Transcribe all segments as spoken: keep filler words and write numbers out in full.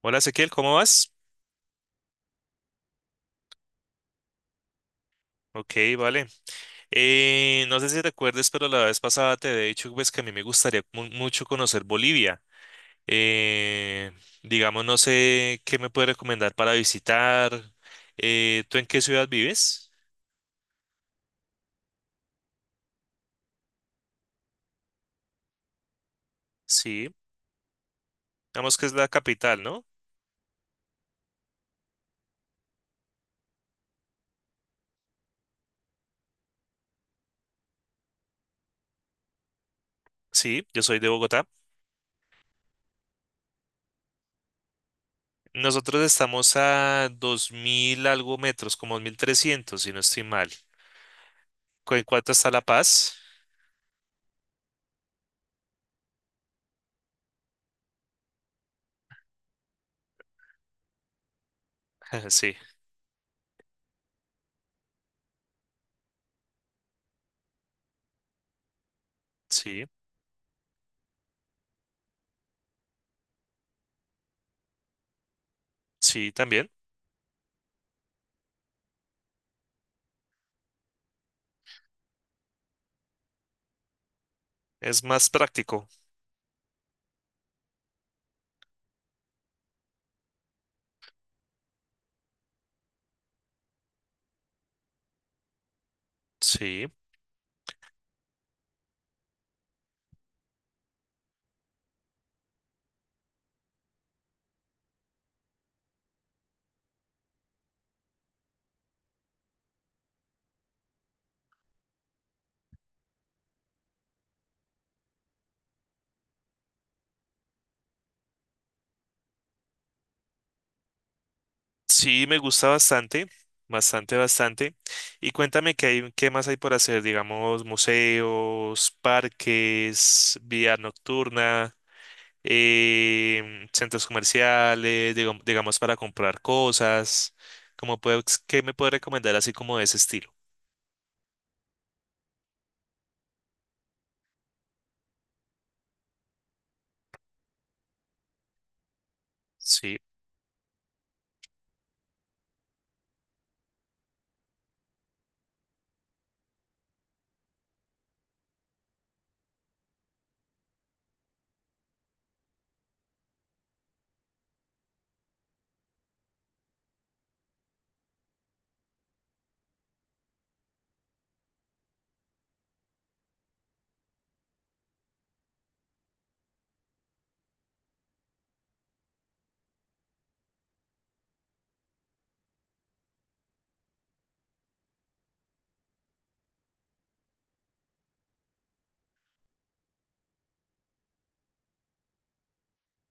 Hola, Ezequiel, ¿cómo vas? Ok, vale. Eh, no sé si te acuerdas, pero la vez pasada te he dicho, pues, que a mí me gustaría mu- mucho conocer Bolivia. Eh, digamos, no sé qué me puedes recomendar para visitar. Eh, ¿tú en qué ciudad vives? Sí, digamos que es la capital, ¿no? Sí, yo soy de Bogotá. Nosotros estamos a dos mil algo metros, como dos mil trescientos, si no estoy mal. ¿Cu- ¿En cuánto está La Paz? Sí, sí, sí, también. Es más práctico. Sí. Sí, me gusta bastante, bastante, bastante. Y cuéntame qué hay, qué más hay por hacer, digamos, museos, parques, vía nocturna, em, centros comerciales, digam- digamos, para comprar cosas. ¿Cómo puedo, qué me puede recomendar así como de ese estilo? Sí,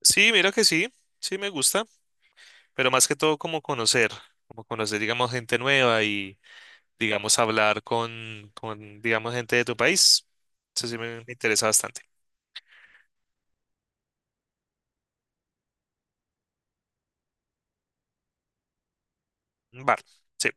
sí, mira que sí, sí me gusta, pero más que todo como conocer, como conocer, digamos, gente nueva y, digamos, hablar con, con, digamos, gente de tu país. Eso sí me me interesa bastante. Vale, sí,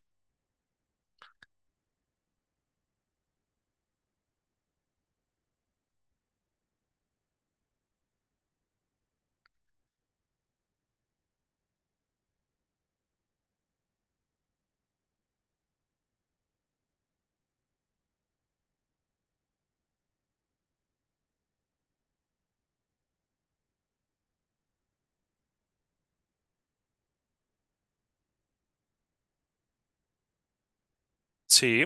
sí,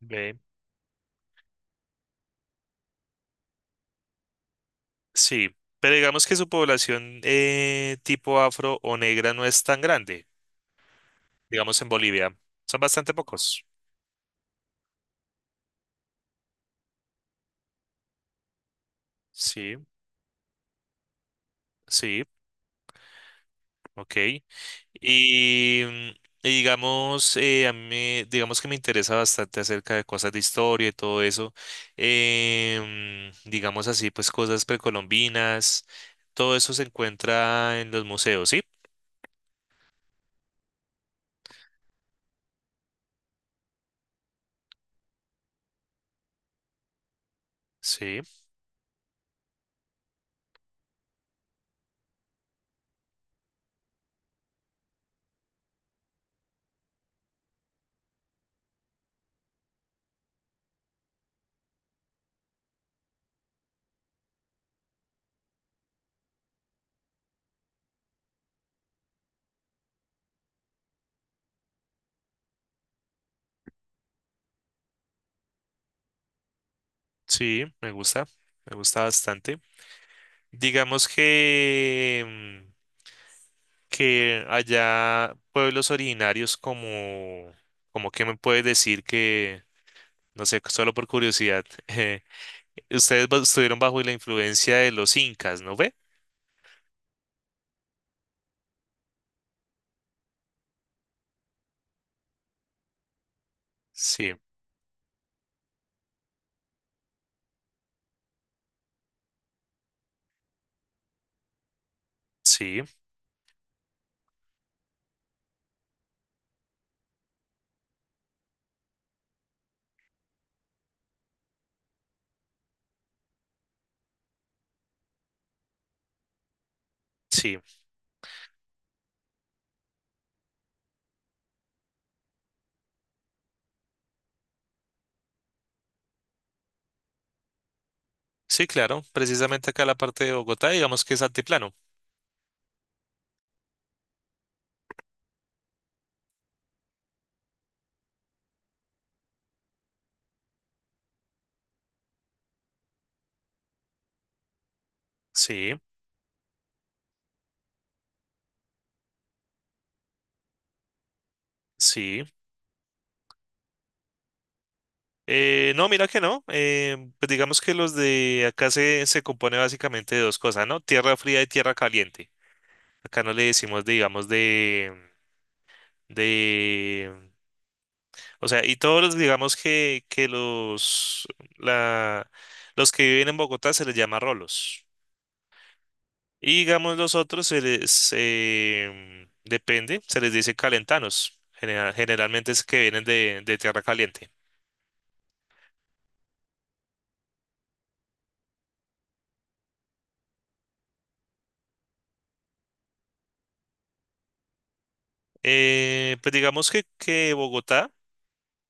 ve, sí. Pero digamos que su población eh, tipo afro o negra no es tan grande, digamos, en Bolivia. Son bastante pocos. Sí, sí, ok. Y, mm, y digamos, eh, a mí, digamos que me interesa bastante acerca de cosas de historia y todo eso. Em, digamos así, pues, cosas precolombinas. Todo eso se encuentra en los museos, ¿sí? Sí, sí, me gusta, me gusta bastante. Digamos que, mm, que allá pueblos originarios como, como que me puedes decir que, no sé, solo por curiosidad, eh, ustedes ba- estuvieron bajo la influencia de los incas, ¿no ve? Sí, sí, sí, sí, claro, precisamente acá la parte de Bogotá, digamos que es altiplano. Sí, sí. Eh, no, mira que no. Eh, pues digamos que los de acá se, se compone básicamente de dos cosas, ¿no? Tierra fría y tierra caliente. Acá no le decimos, digamos, de, de, o sea, y todos los, digamos que, que los, la, los que viven en Bogotá se les llama rolos. Y digamos los otros se les, em, depende, se les dice calentanos. General- generalmente es que vienen de, de tierra caliente. Eh, pues digamos que, que Bogotá.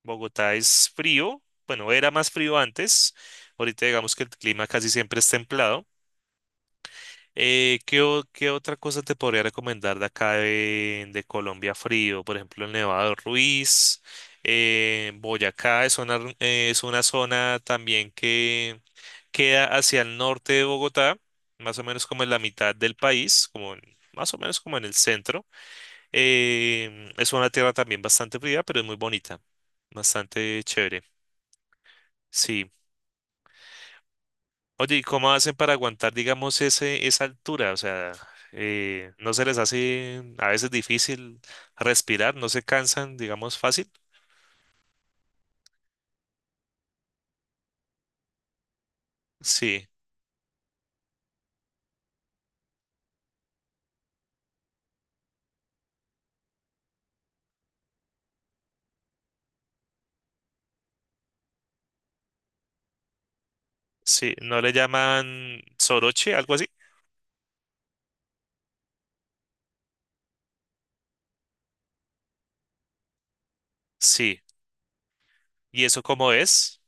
Bogotá es frío, bueno, era más frío antes, ahorita digamos que el clima casi siempre es templado. Eh, ¿qué, o- Qué otra cosa te podría recomendar de acá de, de Colombia frío? Por ejemplo, el Nevado Ruiz, eh, Boyacá es una, r- eh, es una zona también que queda hacia el norte de Bogotá, más o menos como en la mitad del país, como en- más o menos como en el centro. Em, es una tierra también bastante fría, pero es muy bonita, bastante chévere. Sí. Oye, ¿y cómo hacen para aguantar, digamos, ese, esa altura? O sea, eh, ¿no se les hace a veces difícil respirar? ¿No se cansan, digamos, fácil? Sí, sí. ¿No le llaman soroche, algo así? Sí. ¿Y eso cómo es?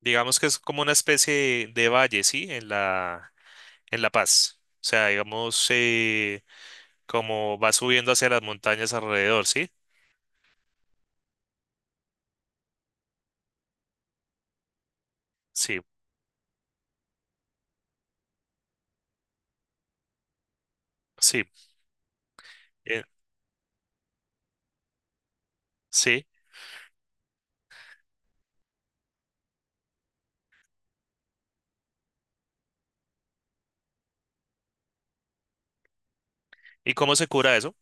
Digamos que es como una especie de, de valle, ¿sí? En la, en La Paz. O sea, digamos, eh, como va subiendo hacia las montañas alrededor, ¿sí? Sí, sí, eh, sí. ¿Y cómo se cura eso?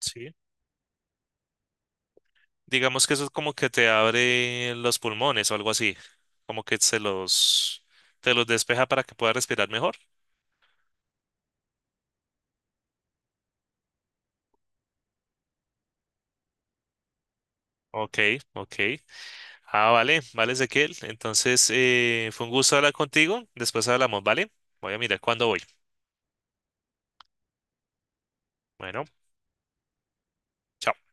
Sí. Digamos que eso es como que te abre los pulmones o algo así, como que se los, te los despeja para que puedas respirar mejor. Ok, ok. Ah, vale, vale, Ezequiel. Entonces, eh, fue un gusto hablar contigo. Después hablamos, ¿vale? Voy a mirar cuándo voy. Bueno. Chao.